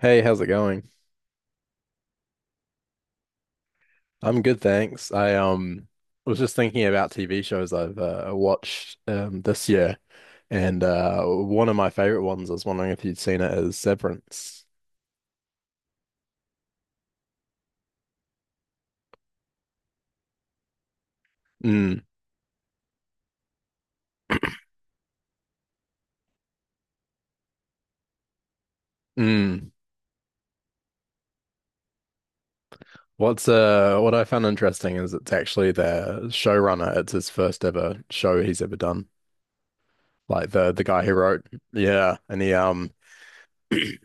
Hey, how's it going? I'm good, thanks. I was just thinking about TV shows I've watched this year, and one of my favorite ones, I was wondering if you'd seen it, is Severance. Mm, mm. What's what I found interesting is it's actually the showrunner. It's his first ever show he's ever done. Like the guy who wrote, yeah, and he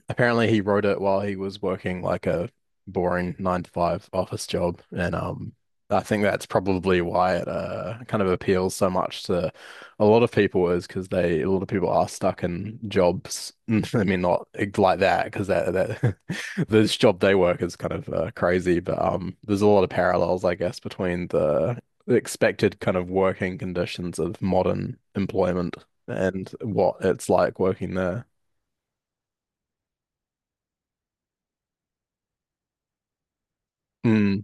apparently he wrote it while he was working like a boring nine to five office job. And I think that's probably why it kind of appeals so much to a lot of people is because they a lot of people are stuck in jobs. I mean not like that because that this job they work is kind of crazy, but there's a lot of parallels I guess between the expected kind of working conditions of modern employment and what it's like working there. Mm,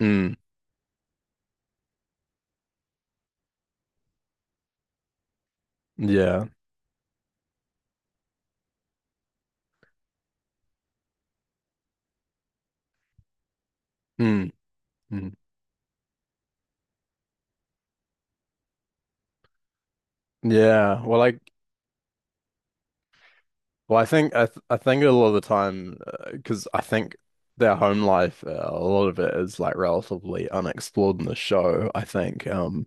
mm. Yeah. Mm, mm. Yeah. Well, I think a lot of the time, because I think their home life, a lot of it is like relatively unexplored in the show. I think,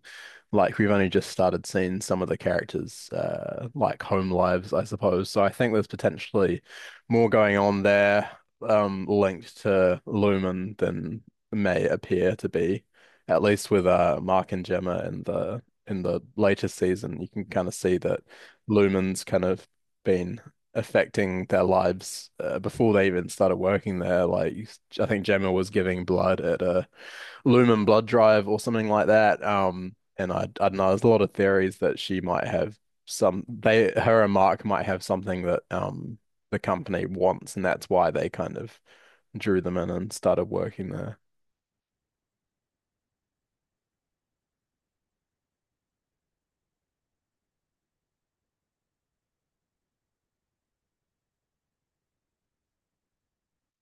like we've only just started seeing some of the characters, like home lives, I suppose. So I think there's potentially more going on there, linked to Lumen than may appear to be, at least with Mark and Gemma in the later season. You can kind of see that Lumen's kind of been affecting their lives before they even started working there. Like I think Gemma was giving blood at a Lumen blood drive or something like that. And I don't know. There's a lot of theories that she might have some. They her and Mark might have something that the company wants, and that's why they kind of drew them in and started working there.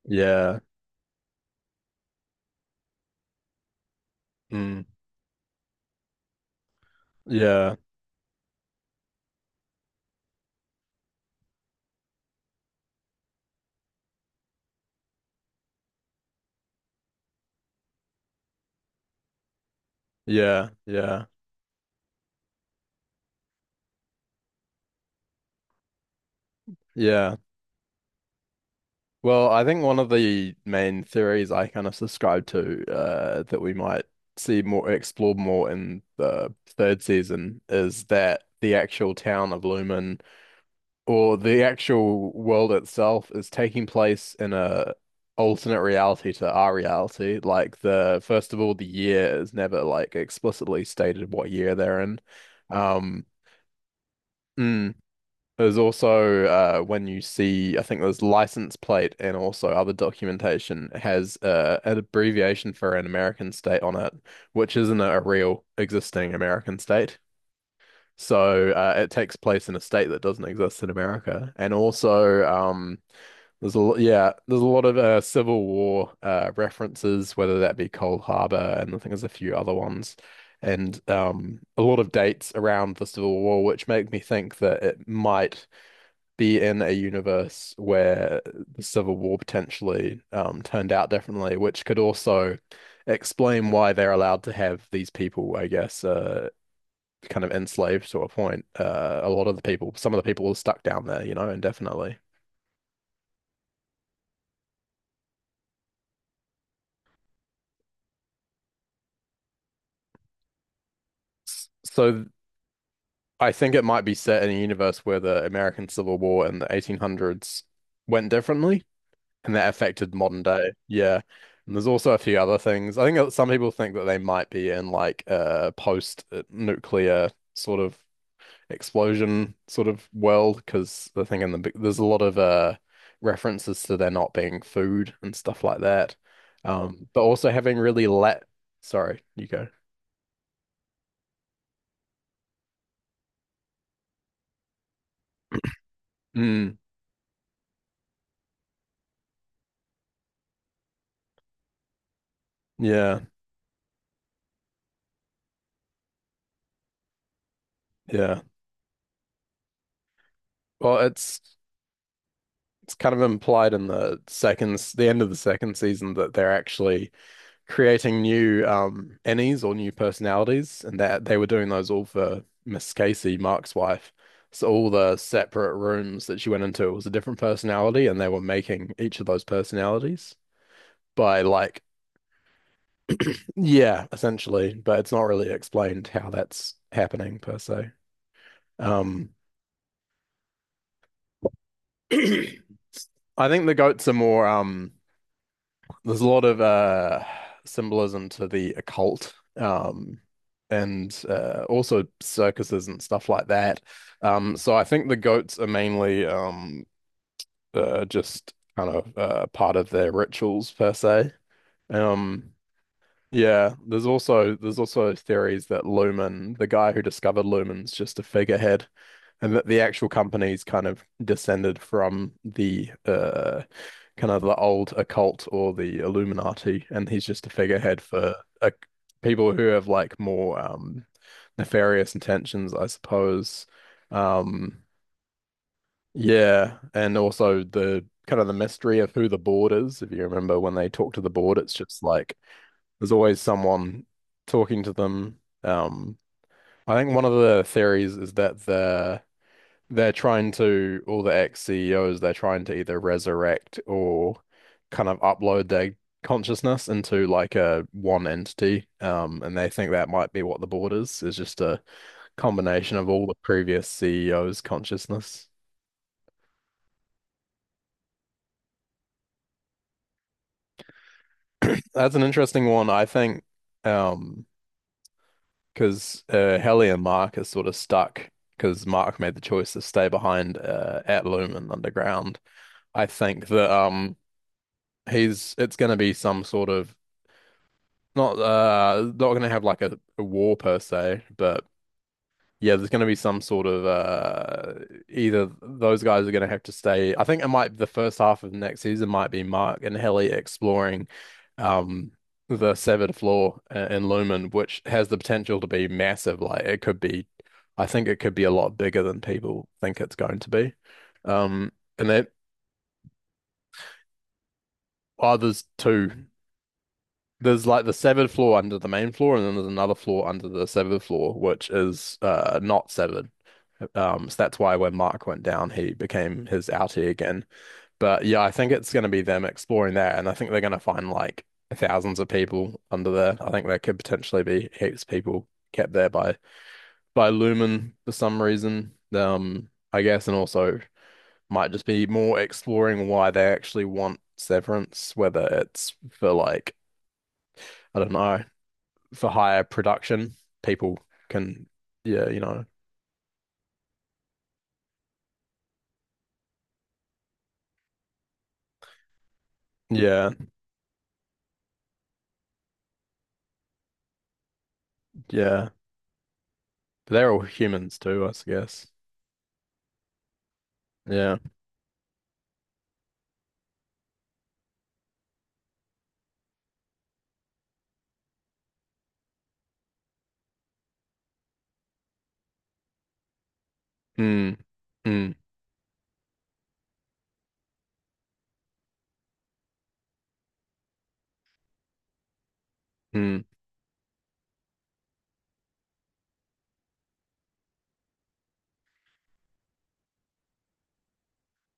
Yeah. Mm. Yeah. Yeah. Yeah. Yeah. Well, I think one of the main theories I kind of subscribe to, that we might see more explored more in the third season, is that the actual town of Lumen or the actual world itself is taking place in a alternate reality to our reality. Like the first of all, the year is never like explicitly stated what year they're in. Um, mm. There's also, when you see, I think there's license plate and also other documentation has an abbreviation for an American state on it, which isn't a real existing American state. So it takes place in a state that doesn't exist in America. And also, there's yeah, there's a lot of Civil War references, whether that be Cold Harbor, and I think there's a few other ones and, a lot of dates around the Civil War, which make me think that it might be in a universe where the Civil War potentially, turned out differently, which could also explain why they're allowed to have these people, I guess, kind of enslaved to a point. A lot of the people, some of the people are stuck down there, indefinitely. So I think it might be set in a universe where the American Civil War in the 1800s went differently. And that affected modern day. Yeah. And there's also a few other things. I think that some people think that they might be in like a post-nuclear sort of explosion sort of world, because the thing in the big, there's a lot of references to there not being food and stuff like that. But also having really let, sorry, you go. Mm, yeah, yeah. Well, it's kind of implied in the second, the end of the second season, that they're actually creating new Annies or new personalities, and that they were doing those all for Miss Casey, Mark's wife. So all the separate rooms that she went into was a different personality, and they were making each of those personalities by like, yeah, essentially, but it's not really explained how that's happening per se. Um I think the goats are more. There's a lot of symbolism to the occult, and also circuses and stuff like that, so I think the goats are mainly, just kind of part of their rituals per se. um yeah, there's also theories that Lumen, the guy who discovered Lumen's just a figurehead, and that the actual company's kind of descended from the, kind of the old occult or the Illuminati, and he's just a figurehead for, uh, people who have like more nefarious intentions, I suppose. Um yeah, and also the kind of the mystery of who the board is. If you remember when they talk to the board, it's just like there's always someone talking to them. I think one of the theories is that they're trying to all the ex-CEOs, they're trying to either resurrect or kind of upload their consciousness into like a one entity. And they think that might be what the board is just a combination of all the previous CEOs' consciousness. That's an interesting one. I think, um because, Helly and Mark are sort of stuck because Mark made the choice to stay behind, at Lumen Underground. I think that he's it's going to be some sort of, not going to have like a war per se, but yeah, there's going to be some sort of, either those guys are going to have to stay. I think it might the first half of next season might be Mark and Helly exploring, um, the severed floor in Lumen, which has the potential to be massive. Like I think it could be a lot bigger than people think it's going to be. Um, and then, oh, there's two. There's like the severed floor under the main floor, and then there's another floor under the severed floor, which is not severed. So that's why when Mark went down, he became his outie again. But yeah, I think it's going to be them exploring that, and I think they're going to find like thousands of people under there. I think there could potentially be heaps of people kept there by Lumen for some reason. I guess, and also might just be more exploring why they actually want Severance, whether it's for like, I don't know, for higher production, people can, yeah, yeah, yeah. But they're all humans too, I guess. Yeah. Hmm. Hmm. Hmm.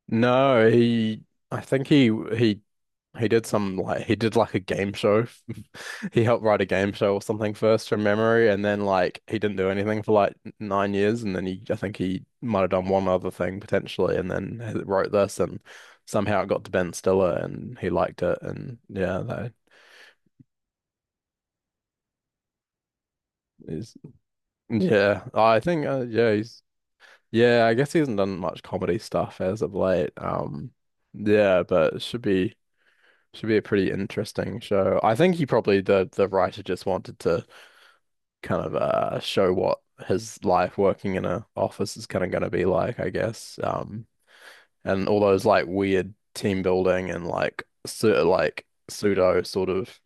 No, he. I think he he did like a game show. He helped write a game show or something first from memory, and then like he didn't do anything for like 9 years, and then he I think he might have done one other thing potentially, and then he wrote this, and somehow it got to Ben Stiller, and he liked it, and yeah, that is, yeah. I think, yeah, he's. Yeah, I guess he hasn't done much comedy stuff as of late. Yeah, but it should be a pretty interesting show. I think he probably the writer just wanted to kind of show what his life working in a office is kind of going to be like, I guess. And all those like weird team building and like sort of like pseudo sort of,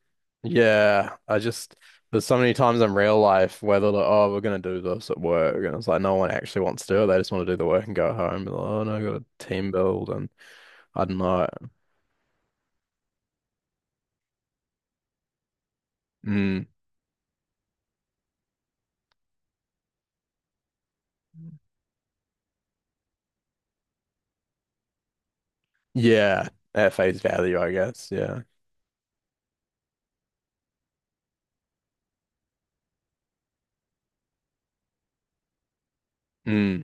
yeah, I just, there's so many times in real life where they're like, oh, we're gonna do this at work, and it's like no one actually wants to do it, they just want to do the work and go home, they, oh no, I got a team build, and I don't know. Mm, yeah, at face value I guess. Yeah. Mm,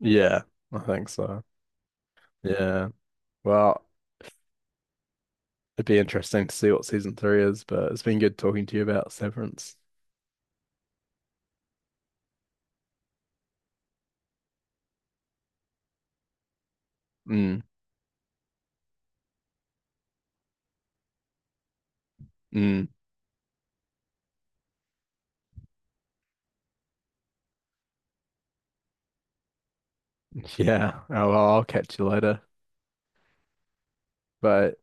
yeah, I think so. Yeah. Well, it'd be interesting to see what season three is, but it's been good talking to you about Severance. Mm, mm. Yeah. Oh, well, I'll catch you later. But